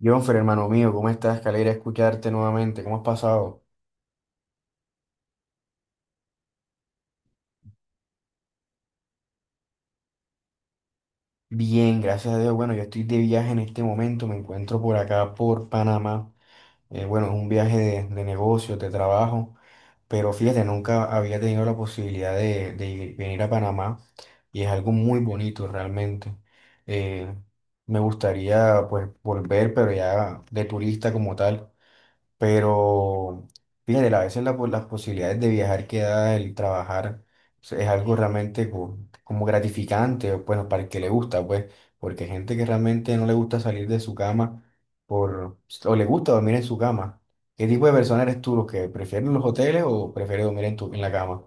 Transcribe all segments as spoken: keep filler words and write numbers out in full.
Jonfer, hermano mío, ¿cómo estás? Qué alegría escucharte nuevamente. ¿Cómo has pasado? Bien, gracias a Dios. Bueno, yo estoy de viaje en este momento. Me encuentro por acá, por Panamá. Eh, bueno, es un viaje de, de negocios, de trabajo. Pero fíjate, nunca había tenido la posibilidad de, de ir- venir a Panamá. Y es algo muy bonito realmente. Eh, Me gustaría, pues, volver, pero ya de turista como tal. Pero fíjate, a veces la po- las posibilidades de viajar que da el trabajar pues, es algo realmente co- como gratificante, o, bueno, para el que le gusta, pues, porque hay gente que realmente no le gusta salir de su cama por, pues, o le gusta dormir en su cama. ¿Qué tipo de persona eres tú, los que prefieren los hoteles o prefieres dormir en tu, en la cama?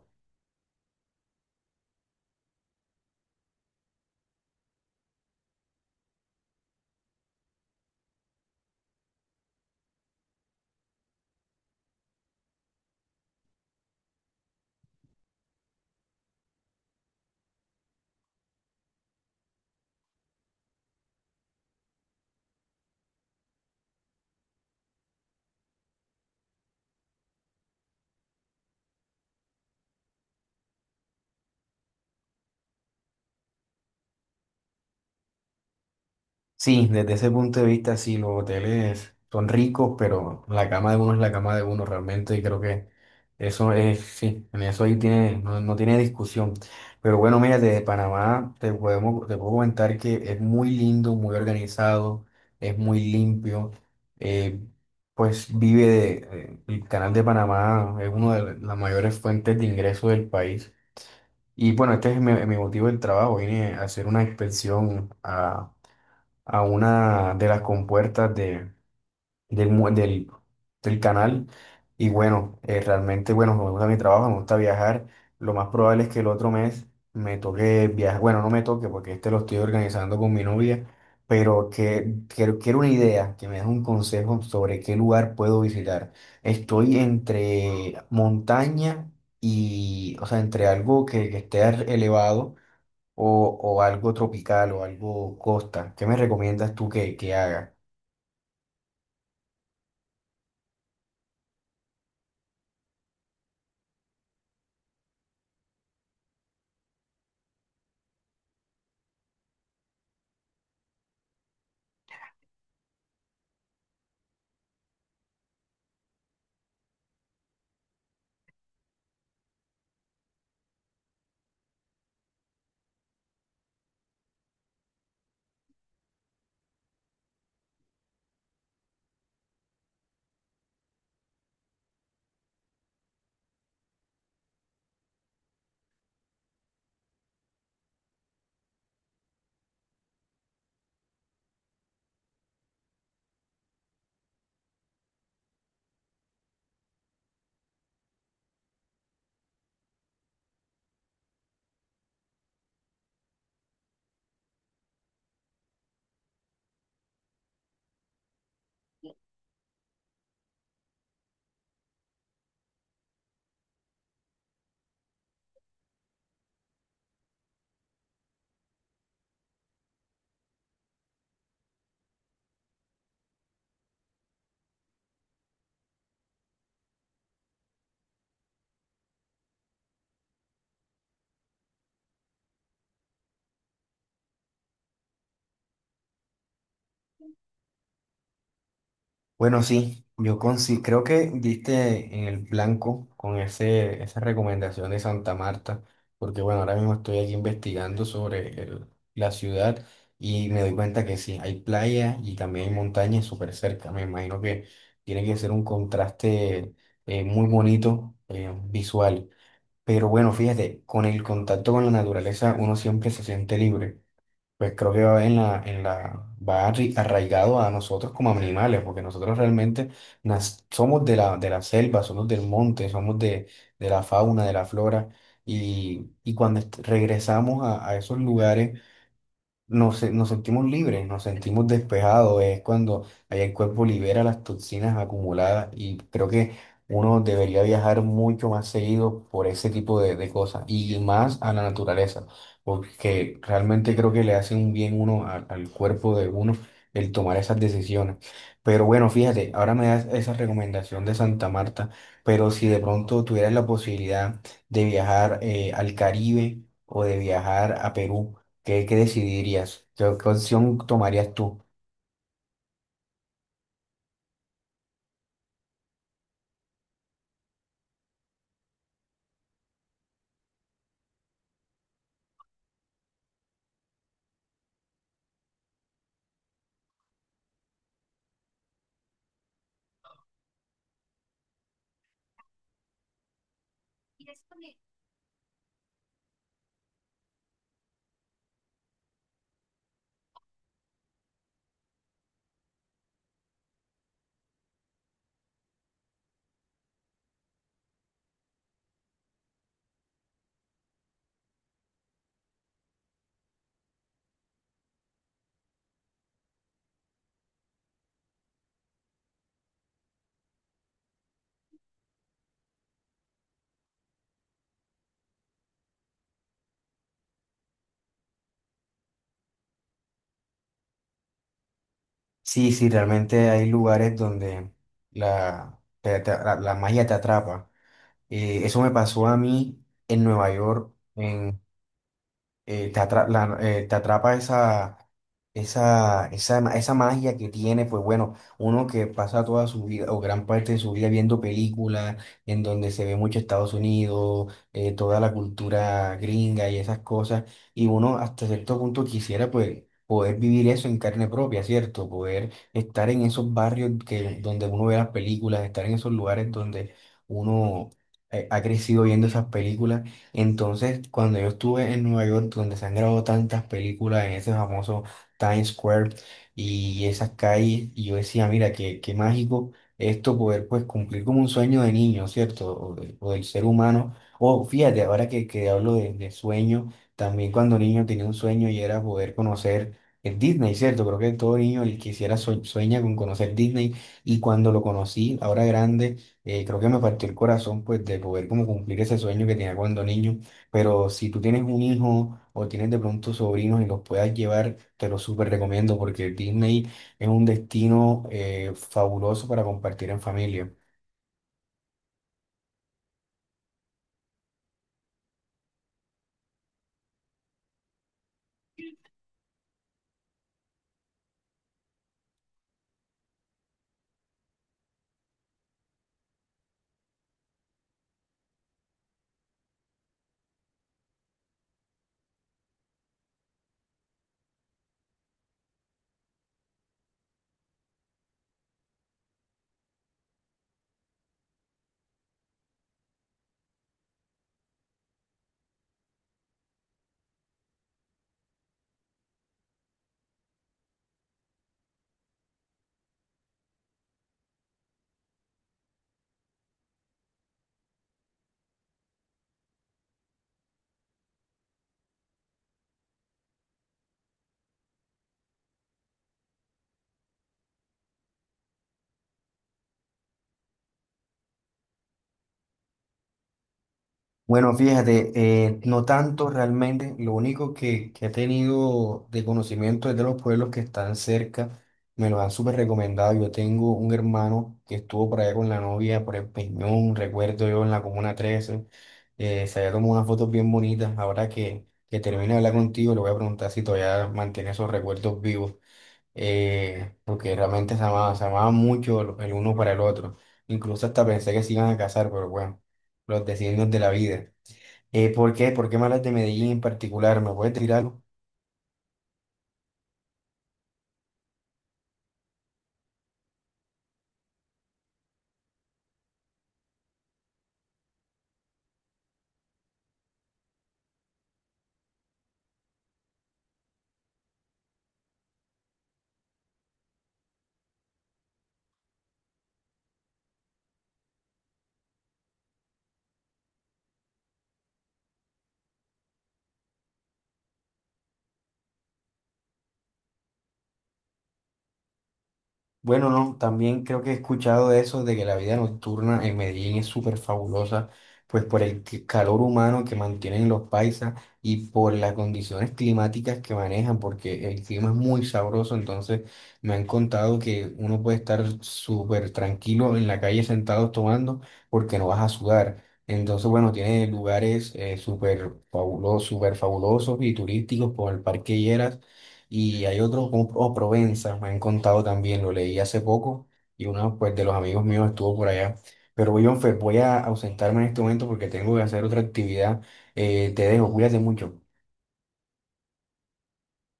Sí, desde ese punto de vista, sí, los hoteles son ricos, pero la cama de uno es la cama de uno realmente y creo que eso es, sí, en eso ahí tiene, no, no tiene discusión. Pero bueno, mira, desde Panamá te podemos, te puedo comentar que es muy lindo, muy organizado, es muy limpio, eh, pues vive de, eh, el canal de Panamá es una de las mayores fuentes de ingreso del país. Y bueno, este es mi, mi motivo del trabajo, vine a hacer una inspección a a una de las compuertas de, del, mu- del, del canal. Y bueno, eh, realmente, bueno, me gusta mi trabajo, me gusta viajar. Lo más probable es que el otro mes me toque viajar. Bueno, no me toque porque este lo estoy organizando con mi novia, pero que, quiero quiero una idea, que me des un consejo sobre qué lugar puedo visitar. Estoy entre montaña y, o sea, entre algo que, que esté elevado o, o algo tropical o algo costa. ¿Qué me recomiendas tú que, que haga? Bueno, sí, yo consi- creo que diste en el blanco con ese, esa recomendación de Santa Marta, porque bueno, ahora mismo estoy aquí investigando sobre el- la ciudad y me doy cuenta que sí, hay playa y también hay montañas súper cerca. Me imagino que tiene que ser un contraste eh, muy bonito, eh, visual. Pero bueno, fíjate, con el contacto con la naturaleza uno siempre se siente libre. Pues creo que va en la, en la, va arri- arraigado a nosotros como animales, porque nosotros realmente nas- somos de la, de la selva, somos del monte, somos de, de la fauna, de la flora, y, y cuando est- regresamos a, a esos lugares, nos, se- nos sentimos libres, nos sentimos despejados, es cuando ahí el cuerpo libera las toxinas acumuladas y creo que uno debería viajar mucho más seguido por ese tipo de, de cosas y más a la naturaleza, porque realmente creo que le hace un bien uno al al cuerpo de uno el tomar esas decisiones. Pero bueno, fíjate, ahora me das esa recomendación de Santa Marta, pero si de pronto tuvieras la posibilidad de viajar eh, al Caribe o de viajar a Perú, ¿qué, qué decidirías? ¿Qué, qué opción tomarías tú? Sí, sí, realmente hay lugares donde la, te- te- la, la magia te atrapa. Eh, eso me pasó a mí en Nueva York, eh, te atra- la- eh, te atrapa esa, esa, esa, ma- esa magia que tiene, pues bueno, uno que pasa toda su vida o gran parte de su vida viendo películas en donde se ve mucho Estados Unidos, eh, toda la cultura gringa y esas cosas, y uno hasta cierto punto quisiera pues poder vivir eso en carne propia, ¿cierto? Poder estar en esos barrios que, donde uno ve las películas, estar en esos lugares donde uno eh, ha crecido viendo esas películas entonces, cuando yo estuve en Nueva York, donde se han grabado tantas películas en ese famoso Times Square y esas calles, y yo decía, mira, qué, qué mágico esto poder pues cumplir como un sueño de niño, ¿cierto? O, de- o del ser humano. O fíjate, ahora que, que hablo de, de sueño, también cuando niño tenía un sueño y era poder conocer el Disney, ¿cierto? Creo que todo niño el quisiera sue- sueña con conocer Disney y cuando lo conocí, ahora grande, eh, creo que me partió el corazón pues de poder como cumplir ese sueño que tenía cuando niño, pero si tú tienes un hijo o tienes de pronto sobrinos y los puedas llevar, te lo súper recomiendo porque Disney es un destino eh, fabuloso para compartir en familia. Bueno, fíjate, eh, no tanto realmente, lo único que, que he tenido de conocimiento es de los pueblos que están cerca, me los han súper recomendado, yo tengo un hermano que estuvo por allá con la novia, por el Peñón, recuerdo yo en la Comuna trece. Eh, se había tomado unas fotos bien bonitas, ahora que, que termine de hablar contigo le voy a preguntar si todavía mantiene esos recuerdos vivos, eh, porque realmente se amaban, se amaban mucho el el uno para el otro. Incluso hasta pensé que se iban a casar, pero bueno, los designios de la vida. Eh, ¿por qué? ¿Por qué malas de Medellín en particular? ¿Me puedes decir algo? Bueno, no, también creo que he escuchado de eso, de que la vida nocturna en Medellín es súper fabulosa, pues por el c- calor humano que mantienen los paisas y por las condiciones climáticas que manejan, porque el clima es muy sabroso, entonces me han contado que uno puede estar súper tranquilo en la calle sentado tomando porque no vas a sudar. Entonces, bueno, tiene lugares eh, súper fabulosos, súper fabulosos y turísticos como el Parque Lleras. Y hay otro como o Provenza, me han contado también, lo leí hace poco y uno pues, de los amigos míos estuvo por allá. Pero Jonfer, voy a ausentarme en este momento porque tengo que hacer otra actividad. Eh, te dejo, cuídate mucho.